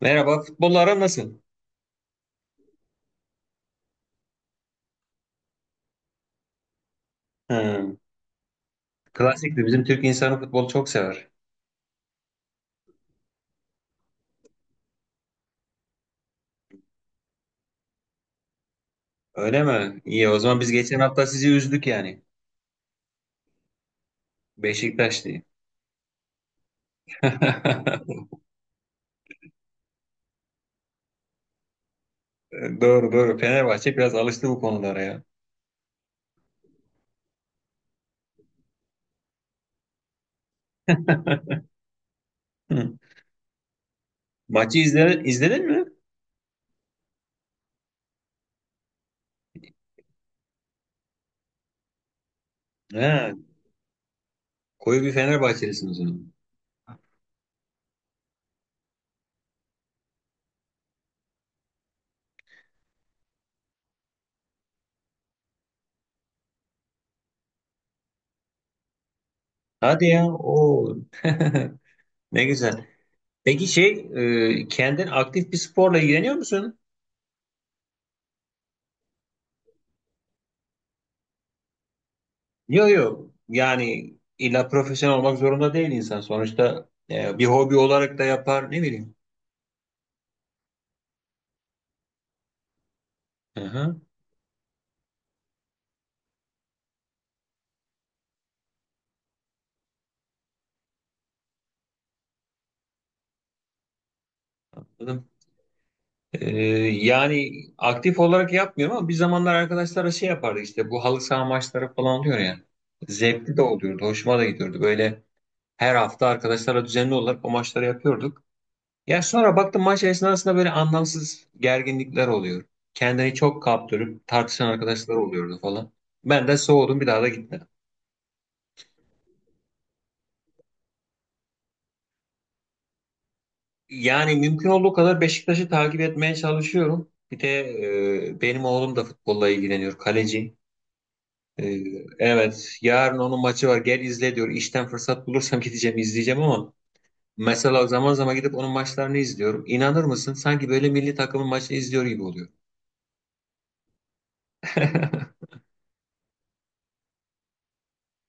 Merhaba, futbollara nasıl? Hmm, klasiktir. Bizim Türk insanı futbolu çok sever. Öyle mi? İyi, o zaman biz geçen hafta sizi üzdük yani. Beşiktaş diye. Doğru doğru. Fenerbahçe biraz alıştı bu konulara ya. Hı. Maçı izle, izledin mi? Ha, koyu bir Fenerbahçelisin o zaman. Hadi ya. O. Ne güzel. Peki şey, kendin aktif bir sporla ilgileniyor musun? Yok yok. Yani illa profesyonel olmak zorunda değil insan. Sonuçta bir hobi olarak da yapar ne bileyim. Hı-hı. Anladım. E, yani aktif olarak yapmıyorum ama bir zamanlar arkadaşlara şey yapardık işte bu halı saha maçları falan oluyor ya. Zevkli de oluyordu. Hoşuma da gidiyordu. Böyle her hafta arkadaşlara düzenli olarak o maçları yapıyorduk. Ya sonra baktım maç esnasında böyle anlamsız gerginlikler oluyor. Kendini çok kaptırıp tartışan arkadaşlar oluyordu falan. Ben de soğudum bir daha da gitmedim. Yani mümkün olduğu kadar Beşiktaş'ı takip etmeye çalışıyorum. Bir de benim oğlum da futbolla ilgileniyor, kaleci. E, evet, yarın onun maçı var. Gel izle diyor. İşten fırsat bulursam gideceğim, izleyeceğim ama mesela zaman zaman gidip onun maçlarını izliyorum. İnanır mısın? Sanki böyle milli takımın maçını izliyor gibi oluyor.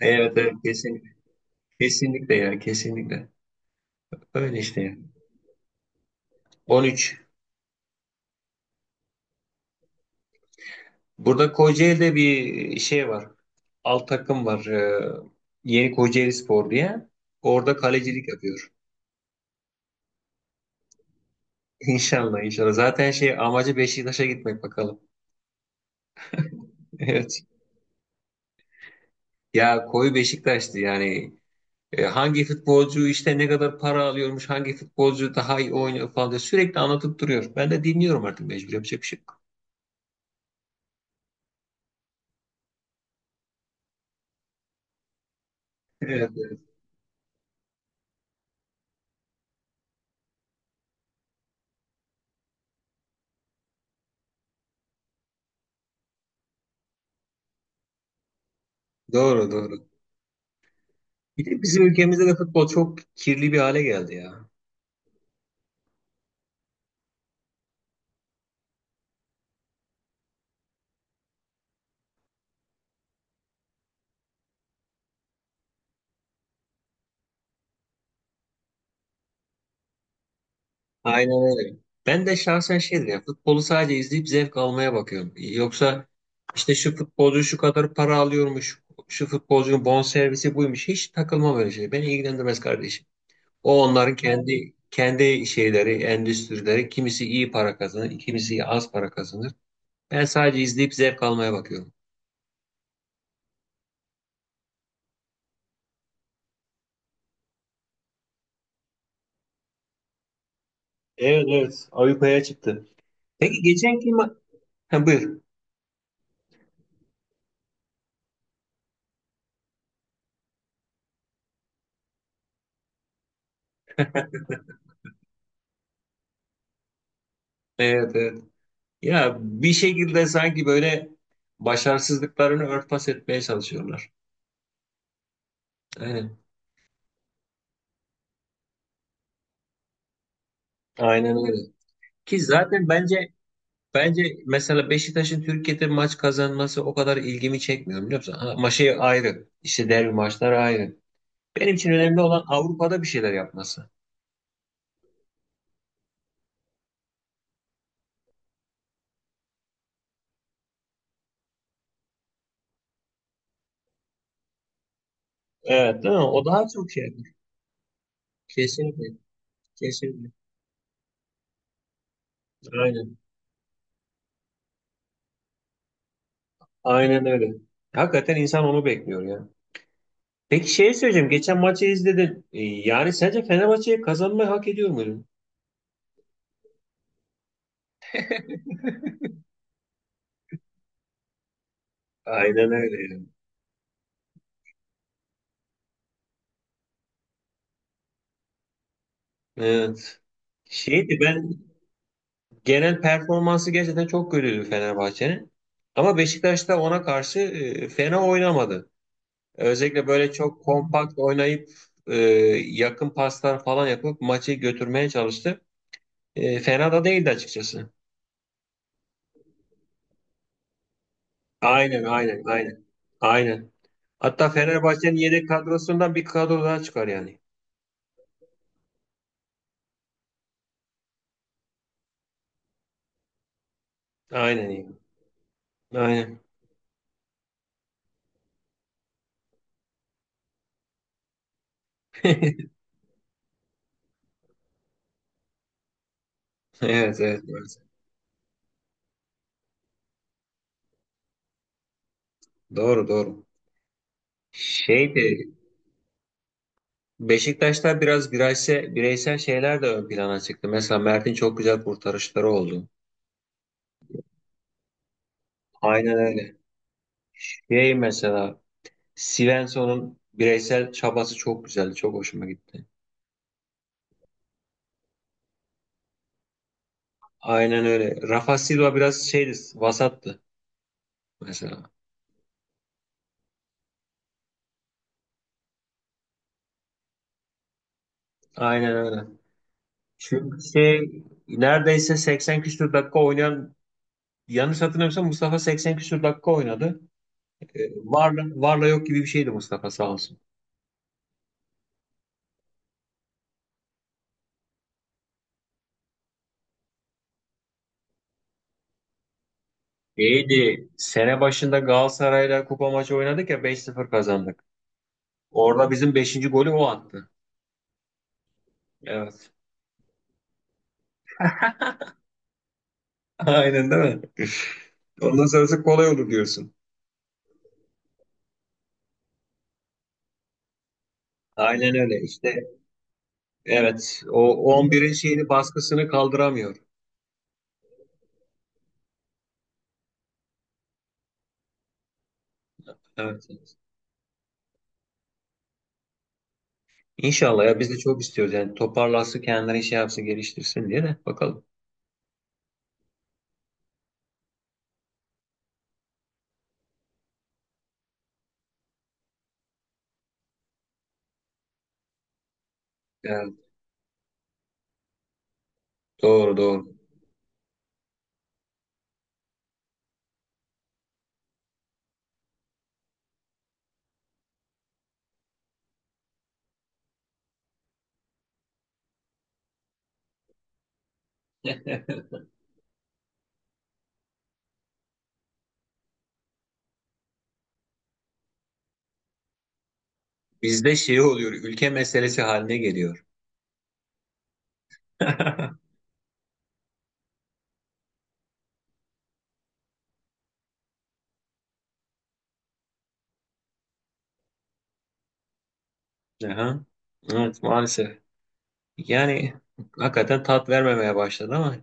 Evet, evet, kesin, kesinlikle ya, kesinlikle. Öyle işte ya. 13. Burada Kocaeli'de bir şey var. Alt takım var. Yeni Kocaeli Spor diye. Orada kalecilik yapıyor. İnşallah inşallah. Zaten şey amacı Beşiktaş'a gitmek bakalım. Evet. Ya koyu Beşiktaş'tı yani. E, hangi futbolcu işte ne kadar para alıyormuş, hangi futbolcu daha iyi oynuyor falan diye sürekli anlatıp duruyor. Ben de dinliyorum artık mecbur yapacak bir şey yok. Evet, evet. Doğru doğru. Bir de bizim ülkemizde de futbol çok kirli bir hale geldi ya. Aynen öyle. Ben de şahsen şeydir ya futbolu sadece izleyip zevk almaya bakıyorum. Yoksa işte şu futbolcu şu kadar para alıyormuş, şu futbolcunun bonservisi buymuş. Hiç takılmam öyle şey. Beni ilgilendirmez kardeşim. O onların kendi kendi şeyleri, endüstrileri. Kimisi iyi para kazanır, kimisi az para kazanır. Ben sadece izleyip zevk almaya bakıyorum. Evet evet. Avrupa'ya çıktı. Peki geçenki ma... Ha, buyur. Evet evet. Ya bir şekilde sanki böyle başarısızlıklarını örtbas etmeye çalışıyorlar. Aynen. Aynen öyle. Ki zaten bence mesela Beşiktaş'ın Türkiye'de maç kazanması o kadar ilgimi çekmiyor biliyor musun? Ha, Maçı ayrı. İşte derbi maçları ayrı. Benim için önemli olan Avrupa'da bir şeyler yapması. Evet değil mi? O daha çok şey. Kesinlikle. Kesinlikle. Aynen. Aynen öyle. Hakikaten insan onu bekliyor ya. Peki şey söyleyeceğim. Geçen maçı izledin. E, yani sence Fenerbahçe kazanmayı hak ediyor mu? Aynen öyle. Evet. Şeydi ben genel performansı gerçekten çok kötüydü Fenerbahçe'nin. Ama Beşiktaş da ona karşı fena oynamadı. Özellikle böyle çok kompakt oynayıp e, yakın paslar falan yapıp maçı götürmeye çalıştı. E, fena da değildi açıkçası. Aynen aynen aynen. Aynen. Hatta Fenerbahçe'nin yedek kadrosundan bir kadro daha çıkar yani. Aynen iyi. Aynen. Evet evet. Maalesef. Doğru doğru. Şeydi Beşiktaş'ta biraz bireysel, bireysel şeyler de ön plana çıktı. Mesela Mert'in çok güzel kurtarışları oldu. Aynen öyle. Şey mesela Svensson'un bireysel çabası çok güzeldi. Çok hoşuma gitti. Aynen öyle. Rafa Silva biraz şeydi, vasattı mesela. Aynen öyle. Çünkü şey neredeyse 80 küsur dakika oynayan yanlış hatırlamıyorsam Mustafa 80 küsur dakika oynadı. Varla, varla yok gibi bir şeydi Mustafa sağ olsun. İyiydi. Sene başında Galatasaray'la kupa maçı oynadık ya 5-0 kazandık. Orada bizim beşinci golü o attı. Evet. Aynen değil mi? Ondan sonrası kolay olur diyorsun. Aynen öyle. İşte evet. O 11'in şeyini baskısını kaldıramıyor. Evet. Evet. İnşallah ya biz de çok istiyoruz yani toparlasın kendini şey yapsın geliştirsin diye de bakalım. Evet. Doğru doğru. Bizde şey oluyor ülke meselesi haline geliyor. Aha. Evet maalesef. Yani hakikaten tat vermemeye başladı ama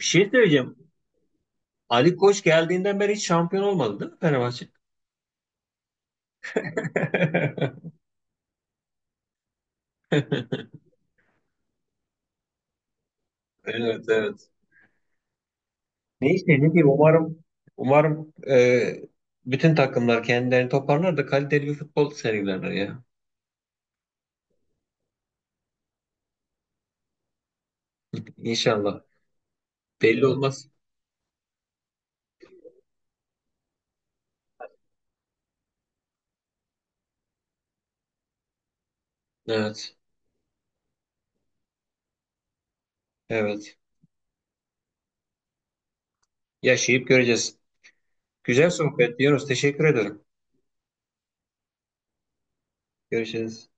bir şey söyleyeceğim. Ali Koç geldiğinden beri hiç şampiyon olmadı değil mi Fenerbahçe? Evet evet. Neyse ne diyeyim umarım umarım bütün takımlar kendilerini toparlar da kaliteli bir futbol sergilerler ya. İnşallah. Belli olmaz. Evet. Evet. Yaşayıp göreceğiz. Güzel sohbet Yunus. Teşekkür ederim. Görüşürüz.